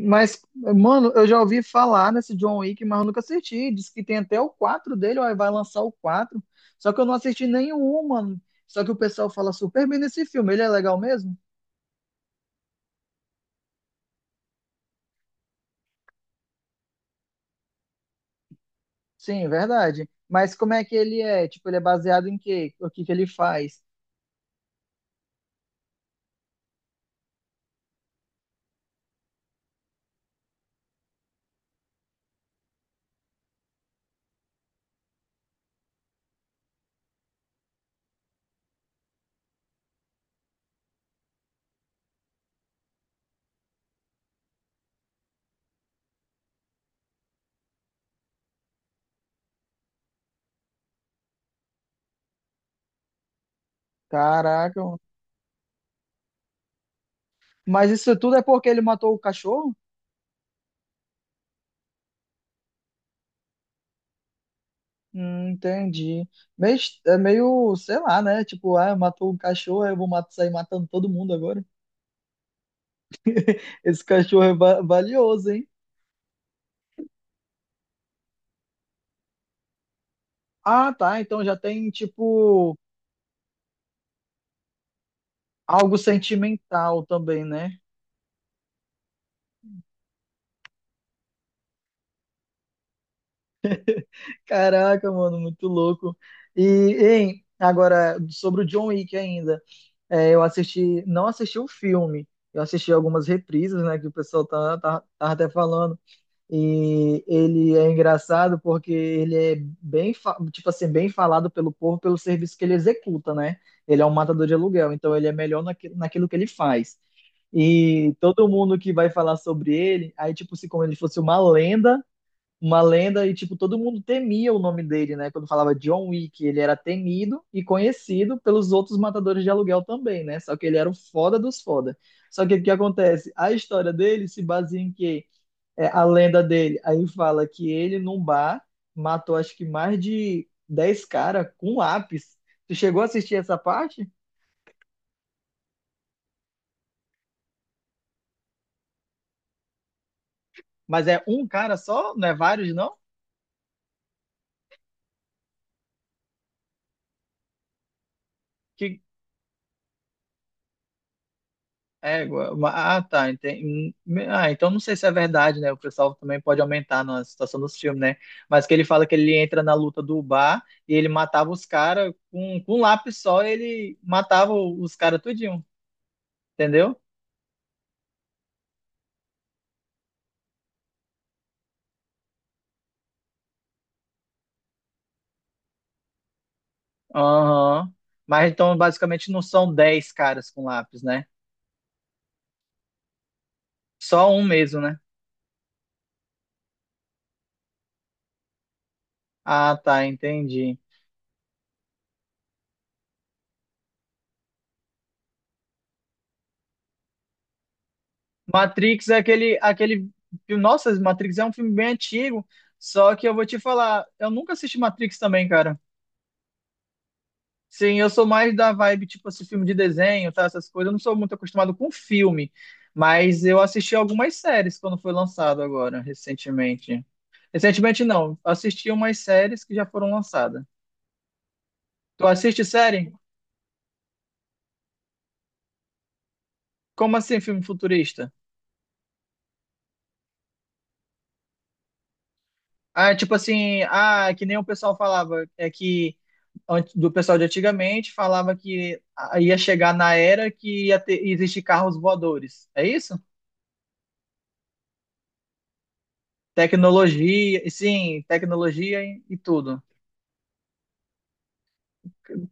Mas, mano, eu já ouvi falar nesse John Wick, mas eu nunca assisti. Diz que tem até o 4 dele, ó, vai lançar o quatro. Só que eu não assisti nenhum, mano. Só que o pessoal fala super bem desse filme. Ele é legal mesmo? Sim, verdade. Mas como é que ele é? Tipo, ele é baseado em quê? O que que ele faz? Caraca. Mas isso tudo é porque ele matou o cachorro? Entendi. Meio, é meio, sei lá, né? Tipo, ah, matou o cachorro, eu vou sair matando todo mundo agora. Esse cachorro é valioso, hein? Ah, tá. Então já tem, tipo, algo sentimental também, né? Caraca, mano, muito louco. E, hein, agora, sobre o John Wick ainda. É, eu assisti, não assisti o filme, eu assisti algumas reprises, né, que o pessoal tá até falando. E ele é engraçado porque ele é bem, tipo assim, bem falado pelo povo pelo serviço que ele executa, né? Ele é um matador de aluguel, então ele é melhor naquilo que ele faz. E todo mundo que vai falar sobre ele, aí tipo se como ele fosse uma lenda e tipo todo mundo temia o nome dele, né? Quando falava John Wick, ele era temido e conhecido pelos outros matadores de aluguel também, né? Só que ele era o foda dos foda. Só que o que acontece? A história dele se baseia em quê? É, a lenda dele. Aí fala que ele, num bar, matou acho que mais de 10 caras com um lápis. Tu chegou a assistir essa parte? Mas é um cara só? Não é vários, não? Que égua. Ah, tá. Entendi. Ah, então não sei se é verdade, né? O pessoal também pode aumentar na situação dos filmes, né? Mas que ele fala que ele entra na luta do bar e ele matava os caras com um lápis só, ele matava os caras tudinho, entendeu? Aham. Mas então basicamente não são 10 caras com lápis, né? Só um mesmo, né? Ah, tá, entendi. Matrix é aquele Nossa, Matrix é um filme bem antigo. Só que eu vou te falar, eu nunca assisti Matrix também, cara. Sim, eu sou mais da vibe, tipo, esse filme de desenho, tá? Essas coisas. Eu não sou muito acostumado com filme. Mas eu assisti algumas séries quando foi lançado agora, recentemente. Recentemente não, assisti umas séries que já foram lançadas. Tu assiste série? Como assim, filme futurista? Ah, tipo assim, ah, que nem o pessoal falava, é que do pessoal de antigamente falava que ia chegar na era que ia ter, ia existir carros voadores. É isso? Tecnologia, sim, tecnologia e tudo.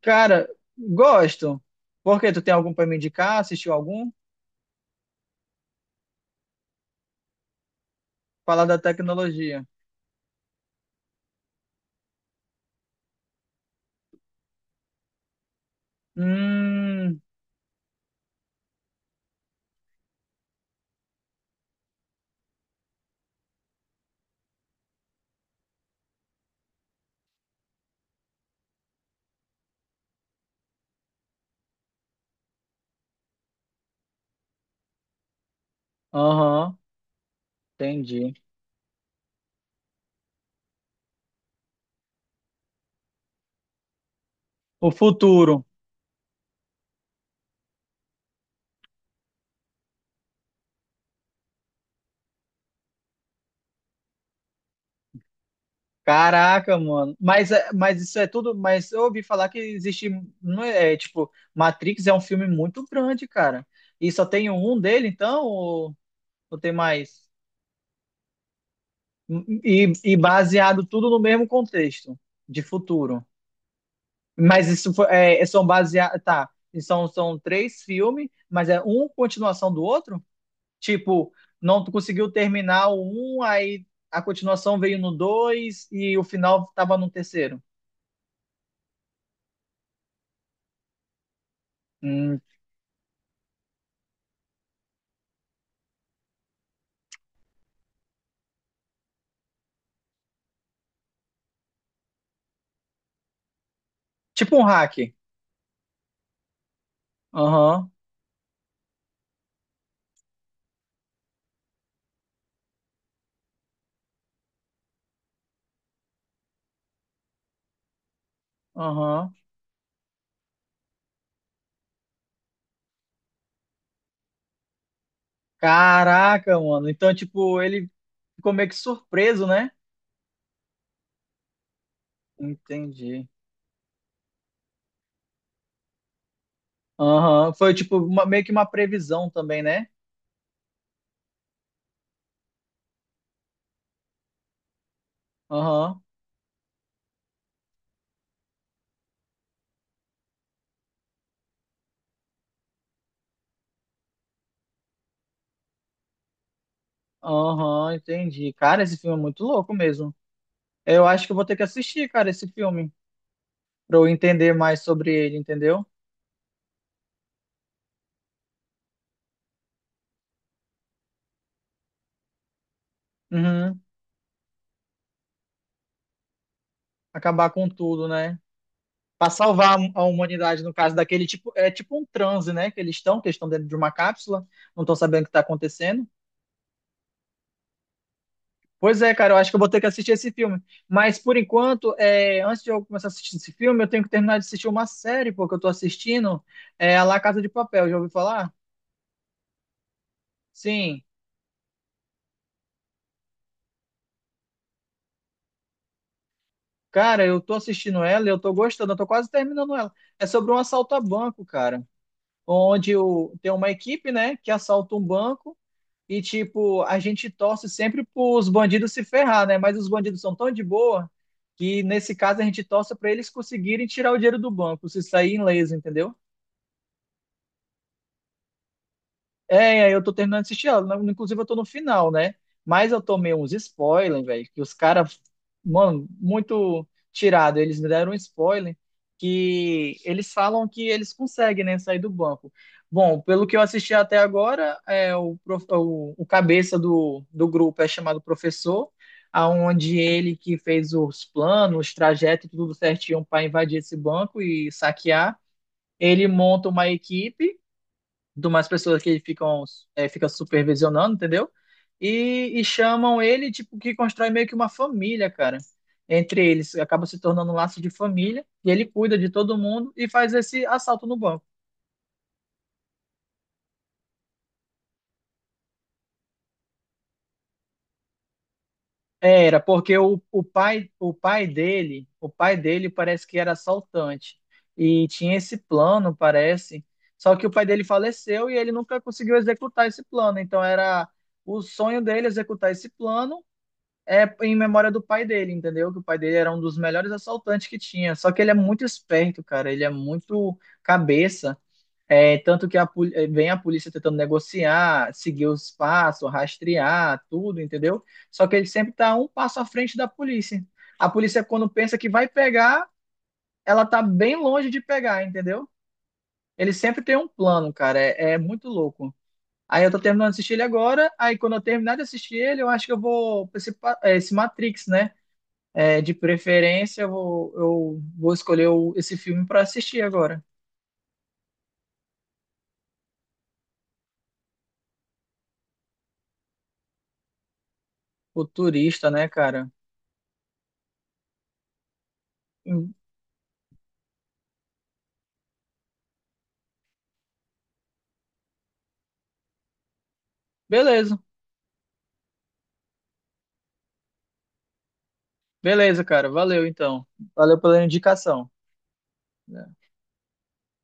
Cara, gosto. Por quê? Tu tem algum para me indicar? Assistiu algum? Falar da tecnologia. Hum, aham, entendi. O futuro. Caraca, mano. Mas, mas isso é tudo. Mas eu ouvi falar que existe. Não é, tipo, Matrix é um filme muito grande, cara. E só tem um dele, então? Ou tem mais? E baseado tudo no mesmo contexto de futuro. Mas isso foi, é, são baseados. Tá. E são três filmes, mas é um continuação do outro? Tipo, não conseguiu terminar o um, aí a continuação veio no dois e o final tava no terceiro. Hum, tipo um hack. Aham, aham. Caraca, mano. Então, tipo, ele ficou meio que surpreso, né? Entendi. Aham. Foi, tipo, meio que uma previsão também, né? Aham, aham, entendi. Cara, esse filme é muito louco mesmo. Eu acho que eu vou ter que assistir, cara, esse filme, pra eu entender mais sobre ele, entendeu? Uhum. Acabar com tudo, né? Pra salvar a humanidade, no caso daquele tipo, é tipo um transe, né? Que eles estão dentro de uma cápsula, não estão sabendo o que tá acontecendo. Pois é, cara, eu acho que eu vou ter que assistir esse filme. Mas por enquanto, é, antes de eu começar a assistir esse filme, eu tenho que terminar de assistir uma série, porque eu tô assistindo é, a La Casa de Papel, já ouviu falar? Sim. Cara, eu tô assistindo ela, e eu tô gostando, eu tô quase terminando ela. É sobre um assalto a banco, cara, onde tem uma equipe, né, que assalta um banco e tipo, a gente torce sempre pros bandidos se ferrar, né? Mas os bandidos são tão de boa que nesse caso a gente torce pra eles conseguirem tirar o dinheiro do banco, se sair em leso, entendeu? É, aí eu tô terminando de assistir ela, né? Inclusive, eu tô no final, né? Mas eu tomei uns spoilers, velho, que os caras, mano, muito tirado. Eles me deram um spoiler que eles falam que eles conseguem, né, sair do banco. Bom, pelo que eu assisti até agora, o cabeça do grupo é chamado professor, aonde ele que fez os planos, os trajetos, tudo certinho para invadir esse banco e saquear. Ele monta uma equipe de umas pessoas que ficam fica supervisionando, entendeu? E chamam ele, tipo, que constrói meio que uma família, cara. Entre eles, acaba se tornando um laço de família, e ele cuida de todo mundo e faz esse assalto no banco. Era, porque o pai dele parece que era assaltante. E tinha esse plano, parece. Só que o pai dele faleceu e ele nunca conseguiu executar esse plano. Então era o sonho dele executar esse plano em memória do pai dele, entendeu? Que o pai dele era um dos melhores assaltantes que tinha. Só que ele é muito esperto, cara. Ele é muito cabeça. É, tanto que a vem a polícia tentando negociar, seguir os passos, rastrear, tudo, entendeu? Só que ele sempre tá um passo à frente da polícia. A polícia, quando pensa que vai pegar, ela tá bem longe de pegar, entendeu? Ele sempre tem um plano, cara. É muito louco. Aí eu tô terminando de assistir ele agora. Aí quando eu terminar de assistir ele, eu acho que eu vou pra esse, esse Matrix, né? É, de preferência, eu vou escolher esse filme para assistir agora. O Turista, né, cara? Hum, Beleza, beleza, cara. Valeu, então. Valeu pela indicação.